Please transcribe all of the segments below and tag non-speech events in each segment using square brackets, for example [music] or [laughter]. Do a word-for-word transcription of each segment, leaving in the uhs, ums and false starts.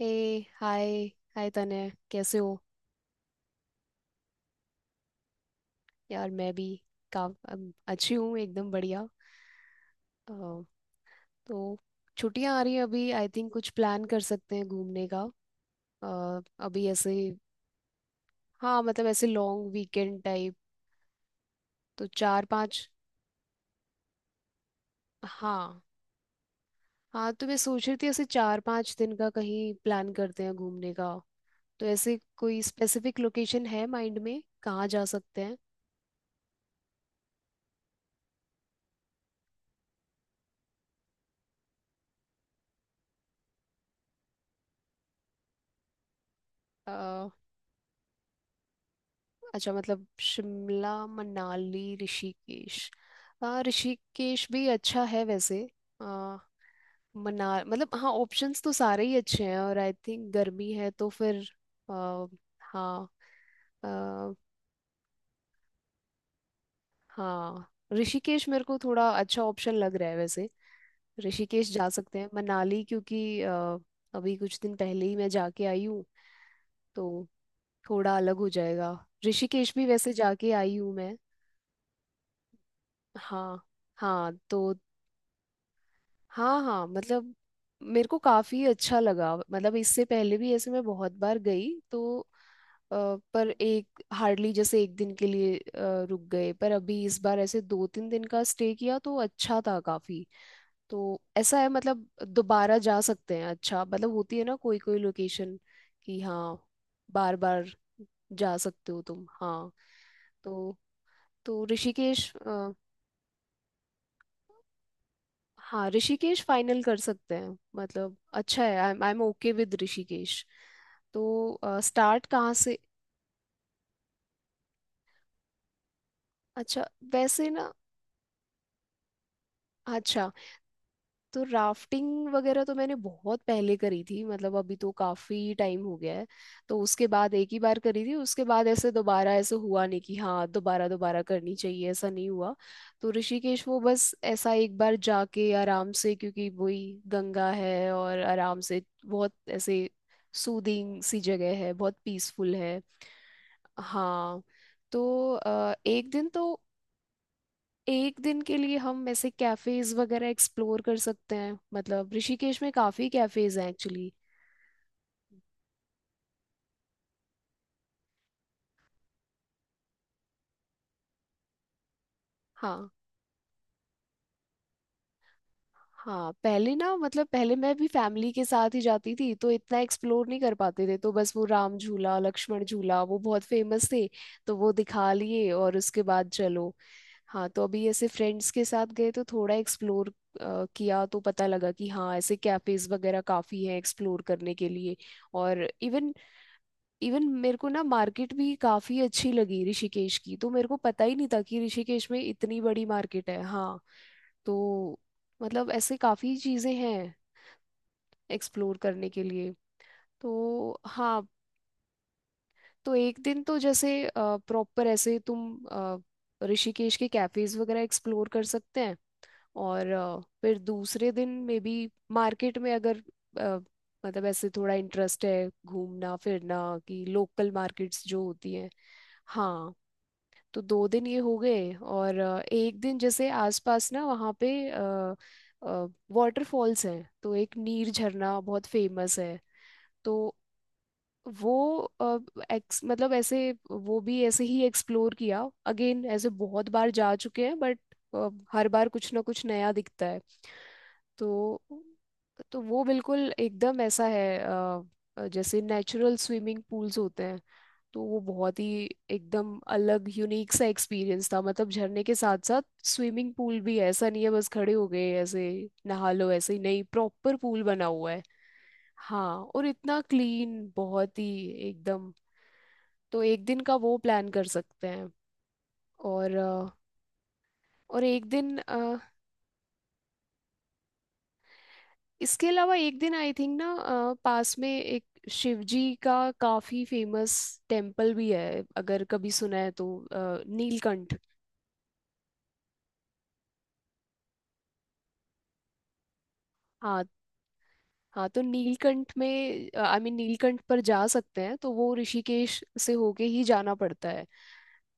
हे hi hi तने कैसे हो? यार मैं भी का अम, अच्छी हूँ, एकदम बढ़िया। अ, तो छुट्टियां आ रही हैं अभी, आई थिंक कुछ प्लान कर सकते हैं घूमने का। अ, अभी ऐसे हाँ, मतलब ऐसे लॉन्ग वीकेंड टाइप। तो चार पाँच हाँ। हाँ, तो मैं सोच रही थी ऐसे चार पाँच दिन का कहीं प्लान करते हैं घूमने का। तो ऐसे कोई स्पेसिफिक लोकेशन है माइंड में कहाँ जा सकते हैं? अच्छा, मतलब शिमला मनाली ऋषिकेश। हाँ, ऋषिकेश भी अच्छा है वैसे। आ, मना मतलब हाँ, ऑप्शंस तो सारे ही अच्छे हैं और आई थिंक गर्मी है तो फिर आ, हाँ। आ, हाँ, ऋषिकेश मेरे को थोड़ा अच्छा ऑप्शन लग रहा है वैसे। ऋषिकेश जा सकते हैं, मनाली क्योंकि आ, अभी कुछ दिन पहले ही मैं जाके आई हूँ, तो थोड़ा अलग हो जाएगा। ऋषिकेश भी वैसे जाके आई हूँ मैं। हाँ। हाँ तो हाँ हाँ मतलब मेरे को काफी अच्छा लगा, मतलब इससे पहले भी ऐसे मैं बहुत बार गई तो अ, पर एक हार्डली जैसे एक दिन के लिए अ, रुक गए, पर अभी इस बार ऐसे दो तीन दिन का स्टे किया तो अच्छा था काफी। तो ऐसा है मतलब दोबारा जा सकते हैं, अच्छा मतलब होती है ना कोई कोई लोकेशन कि हाँ बार बार जा सकते हो तुम। हाँ, तो तो ऋषिकेश हाँ, ऋषिकेश फाइनल कर सकते हैं, मतलब अच्छा है। I I am okay with Rishikesh. तो स्टार्ट कहाँ से? अच्छा वैसे ना। अच्छा, तो राफ्टिंग वगैरह तो मैंने बहुत पहले करी थी, मतलब अभी तो काफी टाइम हो गया है। तो उसके बाद एक ही बार करी थी, उसके बाद ऐसे दोबारा ऐसे हुआ नहीं कि हाँ दोबारा दोबारा करनी चाहिए, ऐसा नहीं हुआ। तो ऋषिकेश वो बस ऐसा एक बार जाके आराम से, क्योंकि वही गंगा है और आराम से बहुत ऐसे सूदिंग सी जगह है, बहुत पीसफुल है। हाँ, तो अ, एक दिन तो एक दिन के लिए हम ऐसे कैफेज वगैरह एक्सप्लोर कर सकते हैं, मतलब ऋषिकेश में काफी कैफेज हैं एक्चुअली। हाँ हाँ, पहले ना मतलब पहले मैं भी फैमिली के साथ ही जाती थी, तो इतना एक्सप्लोर नहीं कर पाते थे, तो बस वो राम झूला लक्ष्मण झूला वो बहुत फेमस थे, तो वो दिखा लिए और उसके बाद चलो। हाँ, तो अभी ऐसे फ्रेंड्स के साथ गए तो थोड़ा एक्सप्लोर किया तो पता लगा कि हाँ ऐसे कैफेज वगैरह काफी हैं एक्सप्लोर करने के लिए। और इवन इवन मेरे को ना मार्केट भी काफी अच्छी लगी ऋषिकेश की, तो मेरे को पता ही नहीं था कि ऋषिकेश में इतनी बड़ी मार्केट है। हाँ, तो मतलब ऐसे काफी चीजें हैं एक्सप्लोर करने के लिए। तो हाँ, तो एक दिन तो जैसे प्रॉपर ऐसे तुम अ, ऋषिकेश के कैफेज वगैरह एक्सप्लोर कर सकते हैं। और अ, फिर दूसरे दिन में भी मार्केट में अगर अ, मतलब ऐसे थोड़ा इंटरेस्ट है घूमना फिरना कि लोकल मार्केट्स जो होती हैं। हाँ, तो दो दिन ये हो गए और अ, एक दिन जैसे आसपास ना वहाँ पे वाटरफॉल्स हैं, तो एक नीर झरना बहुत फेमस है। तो वो अ, एक्स मतलब ऐसे वो भी ऐसे ही एक्सप्लोर किया अगेन, ऐसे बहुत बार जा चुके हैं बट हर बार कुछ ना कुछ नया दिखता है। तो तो वो बिल्कुल एकदम ऐसा है, अ, जैसे नेचुरल स्विमिंग पूल्स होते हैं। तो वो बहुत ही एकदम अलग यूनिक सा एक्सपीरियंस था, मतलब झरने के साथ साथ स्विमिंग पूल भी है, ऐसा नहीं है बस खड़े हो गए ऐसे नहा लो, ऐसे ही नहीं, प्रॉपर पूल बना हुआ है। हाँ, और इतना क्लीन, बहुत ही एकदम। तो एक दिन का वो प्लान कर सकते हैं। और अ, और एक दिन इसके अलावा एक दिन आई थिंक ना अ, पास में एक शिव जी का काफी फेमस टेम्पल भी है, अगर कभी सुना है तो अ, नीलकंठ। हाँ हाँ तो नीलकंठ में आई मीन नीलकंठ पर जा सकते हैं, तो वो ऋषिकेश से होके ही जाना पड़ता है।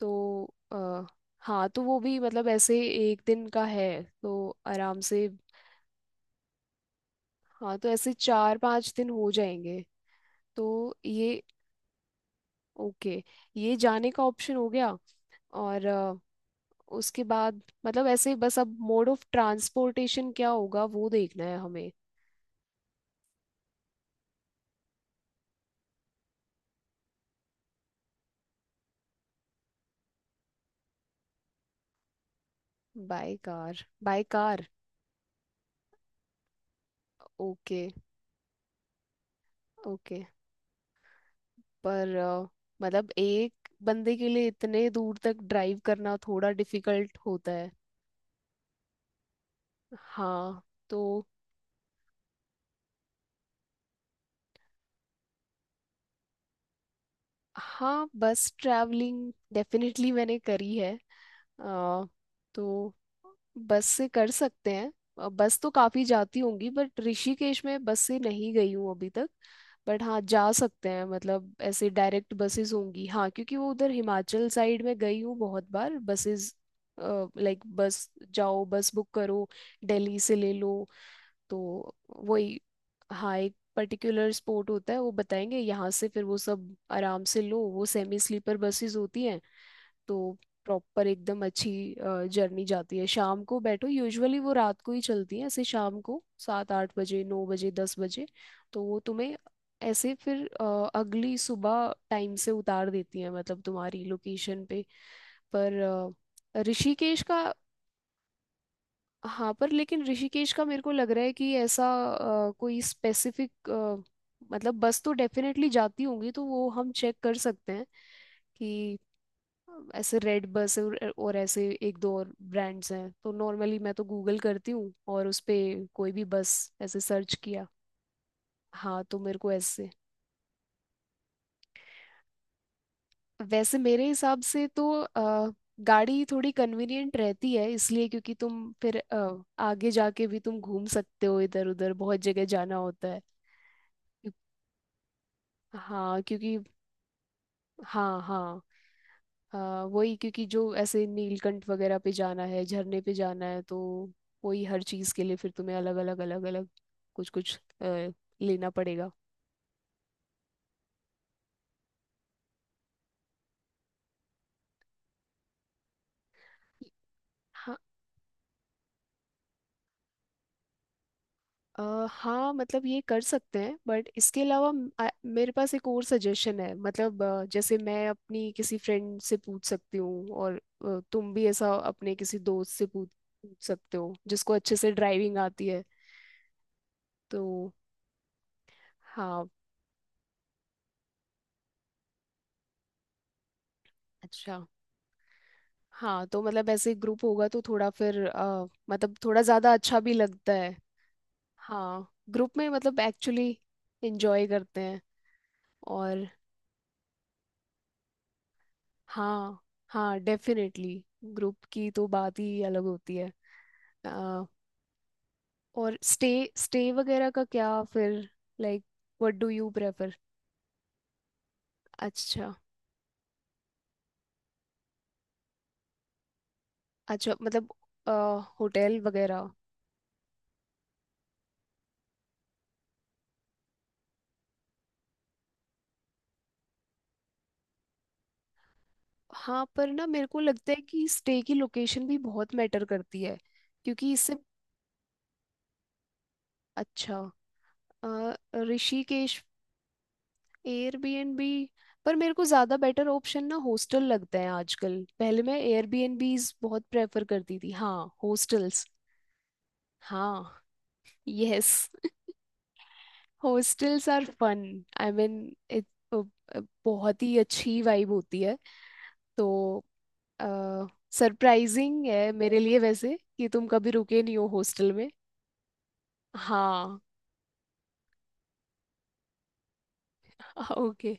तो आ, हाँ, तो वो भी मतलब ऐसे एक दिन का है तो आराम से। हाँ, तो ऐसे चार पांच दिन हो जाएंगे। तो ये ओके, ये जाने का ऑप्शन हो गया। और उसके बाद मतलब ऐसे ही बस, अब मोड ऑफ ट्रांसपोर्टेशन क्या होगा वो देखना है हमें। By car by car. Okay. Okay, पर अ, मतलब एक बंदे के लिए इतने दूर तक ड्राइव करना थोड़ा डिफिकल्ट होता है। हाँ, तो हाँ, बस ट्रैवलिंग डेफिनेटली मैंने करी है। अ, तो बस से कर सकते हैं। अ, बस तो काफ़ी जाती होंगी, बट ऋषिकेश में बस से नहीं गई हूँ अभी तक। बट हाँ जा सकते हैं, मतलब ऐसे डायरेक्ट बसेस होंगी हाँ, क्योंकि वो उधर हिमाचल साइड में गई हूँ बहुत बार बसेस। लाइक बस जाओ, बस बुक करो, दिल्ली से ले लो। तो वही हाँ, एक पर्टिकुलर स्पॉट होता है वो बताएंगे यहाँ से, फिर वो सब आराम से लो। वो सेमी स्लीपर बसेस होती हैं, तो प्रॉपर एकदम अच्छी जर्नी जाती है। शाम को बैठो, यूजुअली वो रात को ही चलती हैं ऐसे, शाम को सात आठ बजे नौ बजे दस बजे। तो वो तुम्हें ऐसे फिर अ, अगली सुबह टाइम से उतार देती हैं, मतलब तुम्हारी लोकेशन पे। पर अ, ऋषिकेश का हाँ पर लेकिन ऋषिकेश का मेरे को लग रहा है कि ऐसा अ, कोई स्पेसिफिक, मतलब बस तो डेफिनेटली जाती होंगी तो वो हम चेक कर सकते हैं कि ऐसे रेड बस और, और ऐसे एक दो और ब्रांड्स हैं, तो नॉर्मली मैं तो गूगल करती हूँ और उस पे कोई भी बस ऐसे सर्च किया। हाँ, तो मेरे को ऐसे वैसे मेरे हिसाब से तो अ, गाड़ी थोड़ी कन्वीनियंट रहती है इसलिए, क्योंकि तुम फिर अ, आगे जाके भी तुम घूम सकते हो, इधर उधर बहुत जगह जाना होता है। हाँ क्योंकि हाँ हाँ हाँ, वही क्योंकि जो ऐसे नीलकंठ वगैरह पे जाना है, झरने पे जाना है, तो वही हर चीज़ के लिए फिर तुम्हें अलग अलग अलग अलग कुछ कुछ अ, लेना पड़ेगा। हाँ अ, हाँ, मतलब ये कर सकते हैं बट इसके अलावा म- आ- मेरे पास एक और सजेशन है, मतलब अ, जैसे मैं अपनी किसी फ्रेंड से पूछ सकती हूँ और अ, तुम भी ऐसा अपने किसी दोस्त से पूछ पूछ सकते हो जिसको अच्छे से ड्राइविंग आती है। तो हाँ अच्छा, हाँ तो मतलब ऐसे ग्रुप होगा तो थोड़ा फिर अ, मतलब थोड़ा ज्यादा अच्छा भी लगता है। हाँ ग्रुप में मतलब एक्चुअली एंजॉय करते हैं। और हाँ हाँ डेफिनेटली, ग्रुप की तो बात ही अलग होती है। अ, और स्टे स्टे वगैरह का क्या फिर? Like what do you prefer? अच्छा, अच्छा मतलब होटल वगैरह। हाँ, पर ना मेरे को लगता है कि स्टे की लोकेशन भी बहुत मैटर करती है, क्योंकि इससे। अच्छा अ, ऋषिकेश एयरबीएनबी, पर मेरे को ज़्यादा बेटर ऑप्शन ना हॉस्टल लगता है आजकल। पहले मैं एयरबीएनबीज बहुत प्रेफर करती थी। हाँ, हॉस्टल्स। हाँ। Yes, hostels are fun, I mean it बहुत ही अच्छी वाइब होती है। तो सरप्राइजिंग है मेरे लिए वैसे कि तुम कभी रुके नहीं हो हॉस्टल में। हाँ। [laughs] ओके।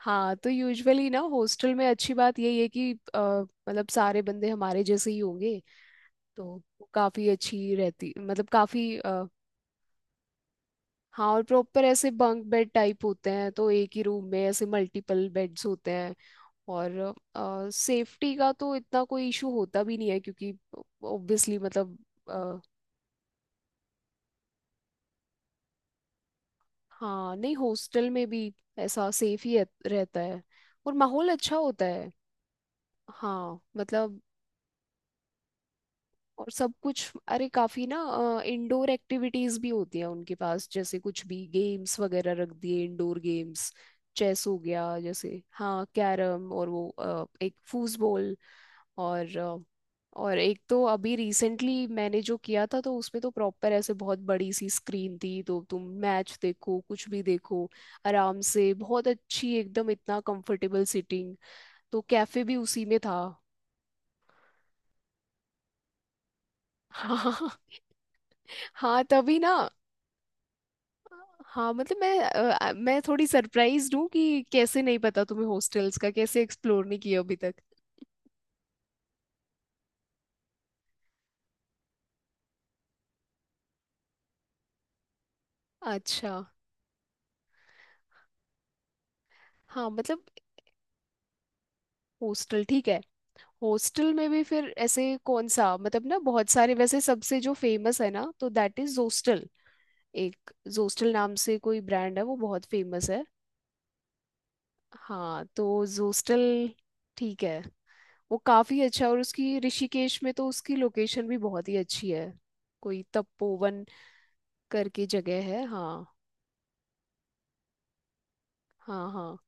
हाँ, तो यूजुअली ना हॉस्टल में अच्छी बात यही है कि अ, मतलब सारे बंदे हमारे जैसे ही होंगे, तो वो काफी अच्छी रहती, मतलब काफी अ, हाँ। और प्रॉपर ऐसे बंक बेड टाइप होते हैं, तो एक ही रूम में ऐसे मल्टीपल बेड्स होते हैं। और सेफ्टी का तो इतना कोई इशू होता भी नहीं है, क्योंकि ऑब्वियसली मतलब अ, हाँ नहीं, हॉस्टल में भी ऐसा सेफ ही रह- रहता है और माहौल अच्छा होता है। हाँ मतलब, और सब कुछ। अरे काफी ना इंडोर एक्टिविटीज भी होती हैं उनके पास, जैसे कुछ भी गेम्स वगैरह रख दिए इंडोर गेम्स। चेस हो गया जैसे हाँ, कैरम, और वो अ, एक फूसबॉल। और अ, और एक तो अभी रिसेंटली मैंने जो किया था तो उसमें तो प्रॉपर ऐसे बहुत बड़ी सी स्क्रीन थी, तो तुम मैच देखो कुछ भी देखो आराम से, बहुत अच्छी एकदम, इतना कंफर्टेबल सिटिंग। तो कैफे भी उसी में था। [laughs] हाँ हाँ तभी ना। हाँ मतलब मैं अ, आ- मैं थोड़ी सरप्राइज्ड हूँ कि कैसे नहीं पता तुम्हें हॉस्टल्स का, कैसे एक्सप्लोर नहीं किया अभी तक। अच्छा। हाँ मतलब हॉस्टल ठीक है। हॉस्टल में भी फिर ऐसे कौन सा, मतलब ना बहुत सारे वैसे, सबसे जो फेमस है ना, तो दैट इज जोस्टल। एक जोस्टल नाम से कोई ब्रांड है, वो बहुत फेमस है। हाँ तो जोस्टल ठीक है। वो काफी अच्छा है। और उसकी ऋषिकेश में तो उसकी लोकेशन भी बहुत ही अच्छी है, कोई तपोवन करके जगह है। हाँ हाँ हाँ,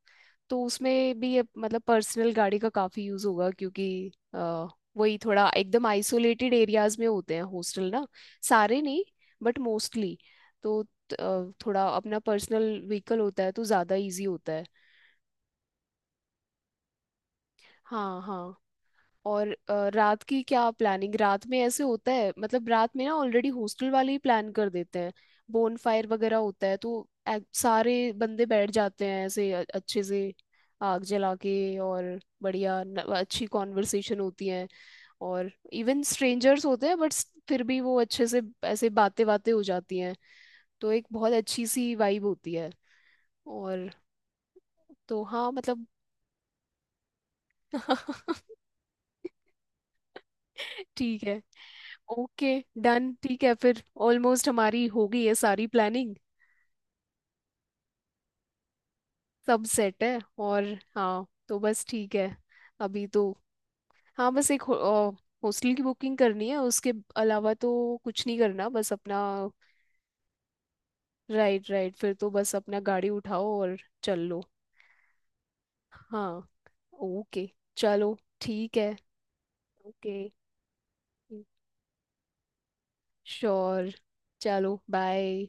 तो उसमें भी ये मतलब पर्सनल गाड़ी का काफी यूज होगा, क्योंकि अ, वही थोड़ा एकदम आइसोलेटेड एरियाज में होते हैं हॉस्टल ना, सारे नहीं बट मोस्टली। तो त- अ, थोड़ा अपना पर्सनल व्हीकल होता है तो ज्यादा इजी होता है। हाँ हाँ। और अ, रात की क्या प्लानिंग? रात में ऐसे होता है, मतलब रात में ना ऑलरेडी हॉस्टल वाले ही प्लान कर देते हैं, बोन फायर वगैरह होता है, तो ए- सारे बंदे बैठ जाते हैं ऐसे अ- अच्छे से आग जला के, और बढ़िया न- अच्छी कॉन्वर्सेशन होती है। और इवन स्ट्रेंजर्स होते हैं बट फिर भी वो अच्छे से ऐसे बातें बातें हो जाती हैं, तो एक बहुत अच्छी सी वाइब होती है। और तो हाँ मतलब। [laughs] ठीक है। ओके डन, ठीक है, फिर ऑलमोस्ट हमारी हो गई है सारी प्लानिंग। सब सेट है। और हाँ तो बस ठीक है। अभी तो हाँ, बस एक हॉस्टल की बुकिंग करनी है, उसके अलावा तो कुछ नहीं करना बस अपना। राइट राइट, फिर तो बस अपना गाड़ी उठाओ और चल लो। हाँ ओके चलो ठीक है। ओके श्योर, चलो बाय।